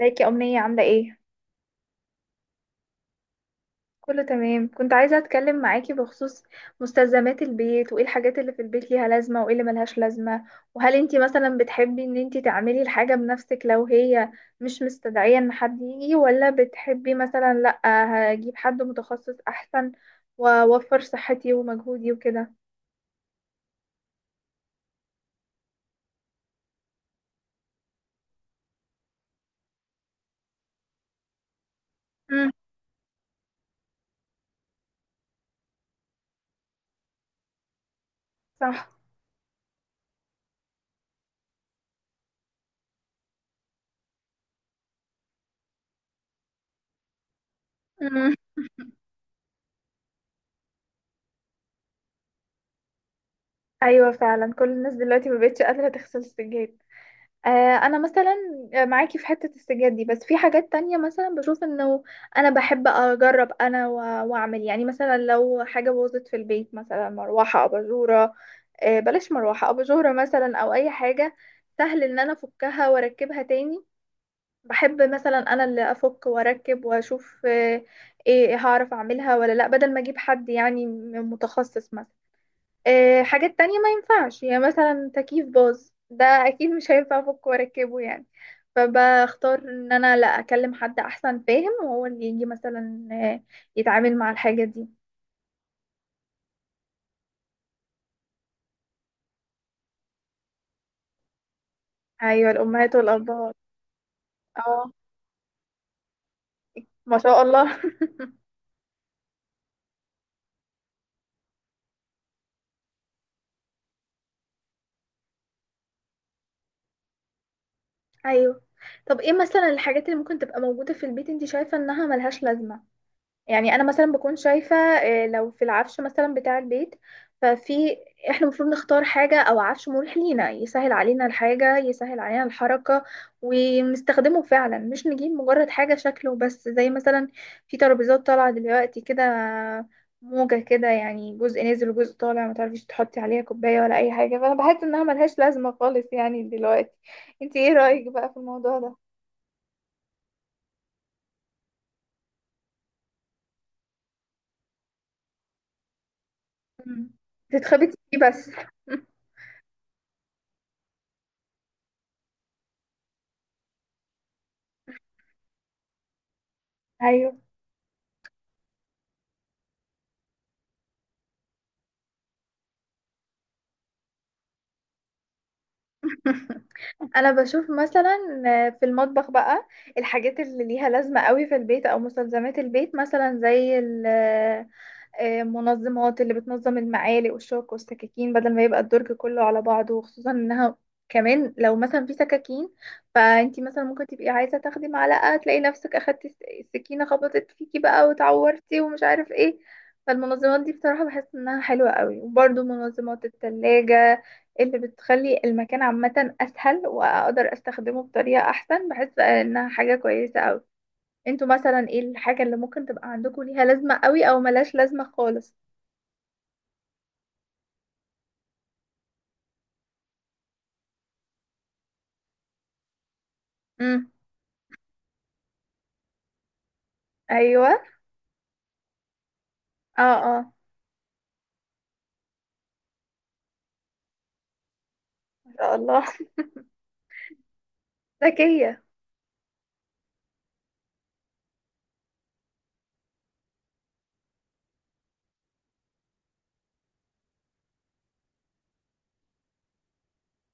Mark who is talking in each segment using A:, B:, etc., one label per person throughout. A: ازيك يا أمنية عاملة ايه؟ كله تمام كنت عايزة اتكلم معاكي بخصوص مستلزمات البيت وايه الحاجات اللي في البيت ليها لازمة وايه اللي ملهاش لازمة. وهل انتي مثلا بتحبي ان انتي تعملي الحاجة بنفسك لو هي مش مستدعية ان حد يجي، ولا بتحبي مثلا لأ، هجيب حد متخصص احسن واوفر صحتي ومجهودي وكده. امم. صح. امم. ايوه فعلا، كل الناس دلوقتي مبقتش قادرة تغسل السجاد. آه، انا مثلا معاكي في حتة السجاد دي، بس في حاجات تانية مثلا بشوف انه انا بحب اجرب، واعمل يعني مثلا لو حاجة باظت في البيت، مثلا مروحة، اباجورة، بلاش مروحة، اباجورة مثلا، او اي حاجة سهل ان انا افكها واركبها تاني، بحب مثلا انا اللي افك واركب واشوف. ايه هعرف اعملها ولا لا، بدل ما اجيب حد يعني متخصص مثلا. حاجات تانية ما ينفعش، يعني مثلا تكييف باظ ده اكيد مش هينفع افكه واركبه يعني، فبختار ان انا لا اكلم حد احسن فاهم وهو اللي يجي مثلا يتعامل مع الحاجة دي. ايوه، الامهات والابهات. اه، ما شاء الله. ايوه. طب ايه مثلا الحاجات اللي ممكن تبقى موجودة في البيت انت شايفة انها ملهاش لازمة؟ يعني انا مثلا بكون شايفه لو في العفش مثلا بتاع البيت، ففي، احنا المفروض نختار حاجه او عفش مريح لينا، يسهل علينا الحاجه، يسهل علينا الحركه ونستخدمه فعلا، مش نجيب مجرد حاجه شكله بس، زي مثلا في ترابيزات طالعه دلوقتي كده موجه كده، يعني جزء نازل وجزء طالع، ما تعرفيش تحطي عليها كوبايه ولا اي حاجه، فانا بحس انها ملهاش لازمه خالص يعني دلوقتي. انتي ايه رايك بقى في الموضوع ده؟ مم. تتخبطي فيه بس. ايوه. انا بشوف مثلا في المطبخ بقى الحاجات اللي ليها لازمة قوي في البيت او مستلزمات البيت، مثلا زي منظمات اللي بتنظم المعالق والشوك والسكاكين، بدل ما يبقى الدرج كله على بعضه، وخصوصا انها كمان لو مثلا في سكاكين، فانتي مثلا ممكن تبقي عايزة تاخدي معلقة، تلاقي نفسك اخدتي السكينة، خبطت فيكي بقى وتعورتي ومش عارف ايه. فالمنظمات دي بصراحة بحس انها حلوة قوي، وبرده منظمات التلاجة اللي بتخلي المكان عامة اسهل واقدر استخدمه بطريقة احسن، بحس انها حاجة كويسة قوي. انتوا مثلا ايه الحاجة اللي ممكن تبقى عندكم ليها لازمة قوي او ملاش لازمة خالص؟ امم. ايوه. اه اه. ما شاء الله. ذكية.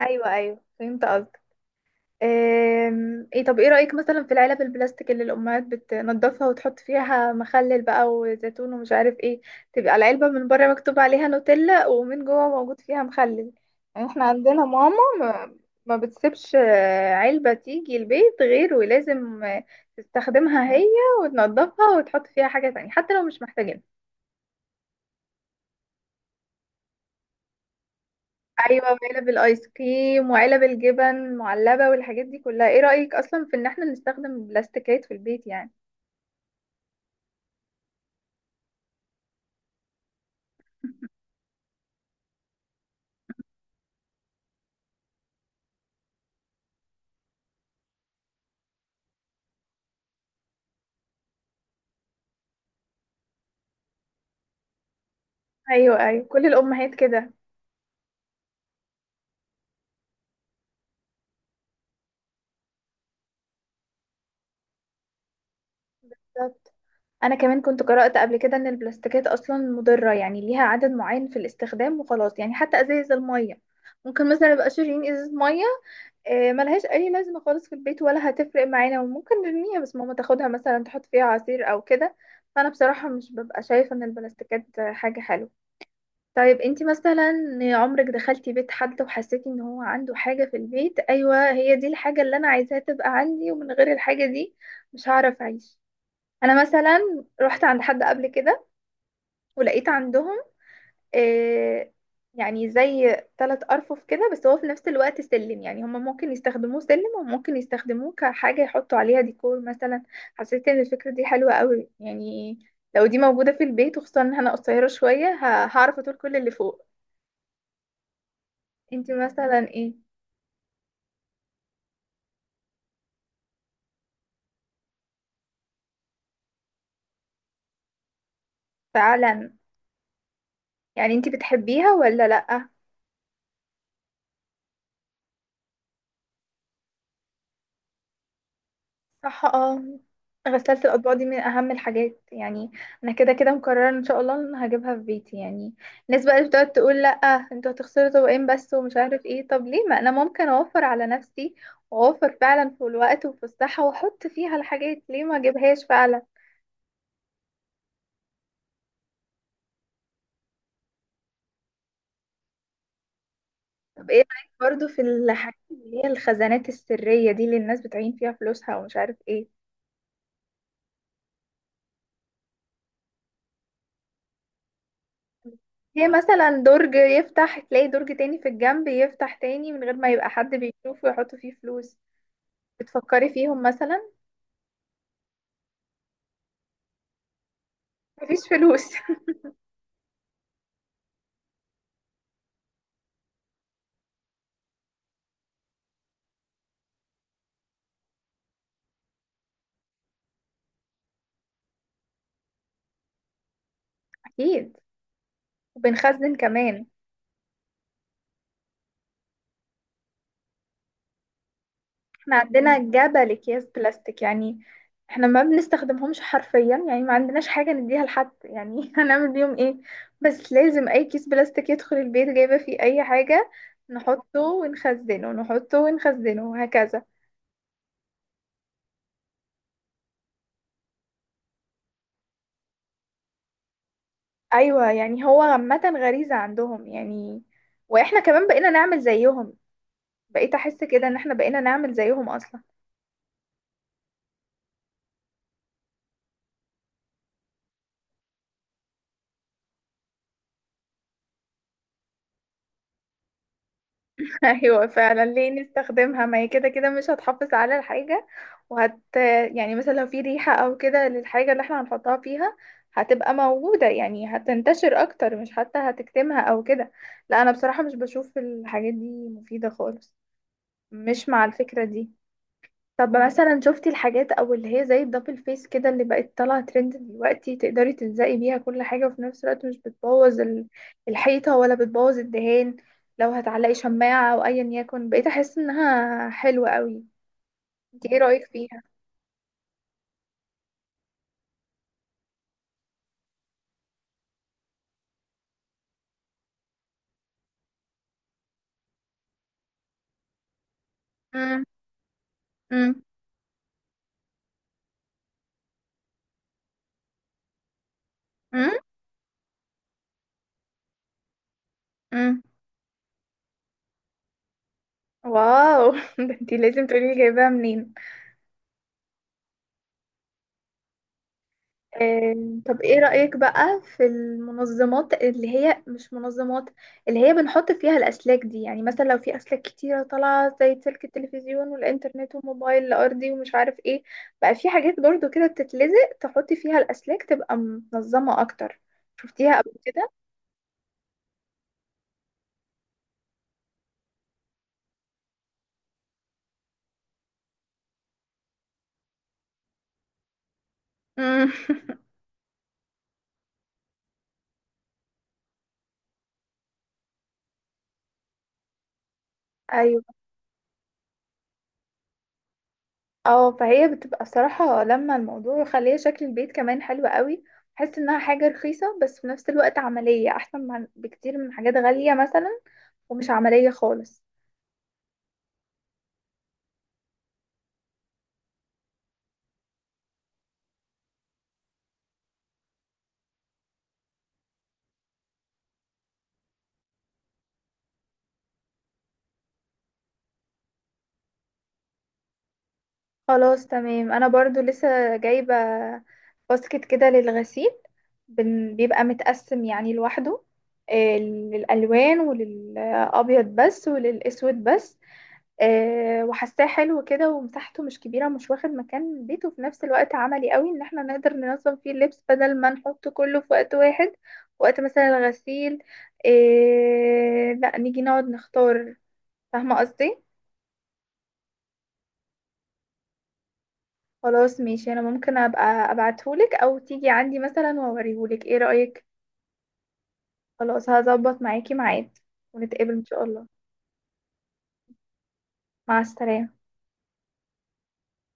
A: ايوه ايوه فهمت. ايه، طب ايه رأيك مثلا في العلب البلاستيك اللي الأمهات بتنضفها وتحط فيها مخلل بقى وزيتون ومش عارف ايه، تبقى العلبة من بره مكتوب عليها نوتيلا ومن جوه موجود فيها مخلل؟ يعني احنا عندنا ماما ما بتسيبش علبة تيجي البيت غير ولازم تستخدمها هي وتنضفها وتحط فيها حاجة تانية حتى لو مش محتاجينها. ايوه، وعلب الايس كريم وعلب الجبن المعلبة والحاجات دي كلها، ايه رأيك اصلا في ان احنا نستخدم البلاستيكات في البيت يعني؟ ايوه ايوه كل الامهات كده. بالظبط. انا كمان كنت قرأت قبل كده ان البلاستيكات اصلا مضرة، يعني ليها عدد معين في الاستخدام وخلاص يعني، حتى ازايز المية ممكن مثلا نبقى شاريين ازازة مية، ملهاش اي لازمة خالص في البيت ولا هتفرق معانا وممكن نرميها، بس ماما تاخدها مثلا تحط فيها عصير او كده. فانا بصراحة مش ببقى شايفة ان البلاستيكات حاجة حلوة. طيب انتي مثلا عمرك دخلتي بيت حد وحسيتي ان هو عنده حاجة في البيت، ايوه هي دي الحاجة اللي انا عايزاها تبقى عندي، ومن غير الحاجة دي مش هعرف اعيش؟ انا مثلا رحت عند حد قبل كده ولقيت عندهم آه يعني زي ثلاث ارفف كده، بس هو في نفس الوقت سلم، يعني هما ممكن يستخدموه سلم وممكن يستخدموه كحاجة يحطوا عليها ديكور مثلا. حسيت ان الفكرة دي حلوة قوي يعني، لو دي موجودة في البيت، وخصوصا ان انا قصيرة شوية هعرف اطول كل اللي فوق. انت مثلا ايه؟ فعلا. يعني انت بتحبيها ولا لأ؟ صح، اه. غسالة الأطباق دي من أهم الحاجات يعني. أنا كده كده مقررة إن شاء الله إن هجيبها في بيتي يعني. الناس بقى اللي بتقعد تقول لأ انتوا هتخسروا طبقين بس ومش عارف ايه، طب ليه ما أنا ممكن أوفر على نفسي وأوفر فعلا في الوقت وفي الصحة، وأحط فيها الحاجات، ليه ما أجيبهاش فعلا؟ طب ايه رأيك برضو في الحاجات اللي هي الخزانات السرية دي اللي الناس بتعين فيها فلوسها ومش عارف ايه؟ هي مثلا درج يفتح تلاقي درج تاني في الجنب يفتح تاني من غير ما يبقى حد بيشوفه ويحط فيه فلوس. بتفكري فيهم مثلا؟ مفيش فلوس. اكيد، وبنخزن كمان. احنا عندنا جبل اكياس بلاستيك يعني، احنا ما بنستخدمهمش حرفيا، يعني ما عندناش حاجة نديها لحد يعني، هنعمل بيهم ايه؟ بس لازم اي كيس بلاستيك يدخل البيت جايبة فيه اي حاجة، نحطه ونخزنه، نحطه ونخزنه، وهكذا. ايوه، يعني هو عامه غريزه عندهم يعني، واحنا كمان بقينا نعمل زيهم. بقيت احس كده ان احنا بقينا نعمل زيهم اصلا. ايوه فعلا، ليه نستخدمها؟ ما هي كده كده مش هتحافظ على الحاجه، وهت يعني مثلا لو في ريحه او كده للحاجه اللي احنا هنحطها فيها، هتبقى موجوده يعني، هتنتشر اكتر، مش حتى هتكتمها او كده. لا انا بصراحه مش بشوف الحاجات دي مفيده خالص، مش مع الفكره دي. طب مثلا شفتي الحاجات او اللي هي زي الدبل فيس كده، اللي بقت طالعه ترند دلوقتي، تقدري تلزقي بيها كل حاجه، وفي نفس الوقت مش بتبوظ الحيطه ولا بتبوظ الدهان، لو هتعلقي شماعه او ايا يكن، بقيت احس انها حلوه قوي. انت ايه رايك فيها؟ امم. امم. امم. واو. ده انت لازم تقولي لي جايباها منين. آه، طب ايه رأيك بقى في المنظمات اللي هي مش منظمات، اللي هي بنحط فيها الأسلاك دي؟ يعني مثلا لو في أسلاك كتيرة طالعة، زي سلك التلفزيون والإنترنت والموبايل الأرضي ومش عارف ايه، بقى في حاجات برضو كده بتتلزق تحطي فيها الأسلاك، تبقى منظمة أكتر. شفتيها قبل كده؟ مم. ايوه. اه، فهي بتبقى بصراحة لما الموضوع يخليها، شكل البيت كمان حلو قوي، بحس انها حاجة رخيصة بس في نفس الوقت عملية، احسن من بكتير من حاجات غالية مثلا ومش عملية خالص. خلاص تمام، انا برضو لسه جايبة باسكت كده للغسيل، بيبقى متقسم يعني لوحده، للألوان وللأبيض بس وللأسود بس، وحاساه حلو كده، ومساحته مش كبيرة، مش واخد مكان البيت، وفي نفس الوقت عملي قوي ان احنا نقدر ننظم فيه اللبس، بدل ما نحط كله في وقت واحد وقت مثلا الغسيل، لا نيجي نقعد نختار. فاهمة قصدي؟ خلاص ماشي، انا ممكن ابقى ابعتهولك او تيجي عندي مثلا واوريهولك، ايه رأيك؟ خلاص، هظبط معاكي ميعاد ونتقابل ان شاء الله. مع السلامة.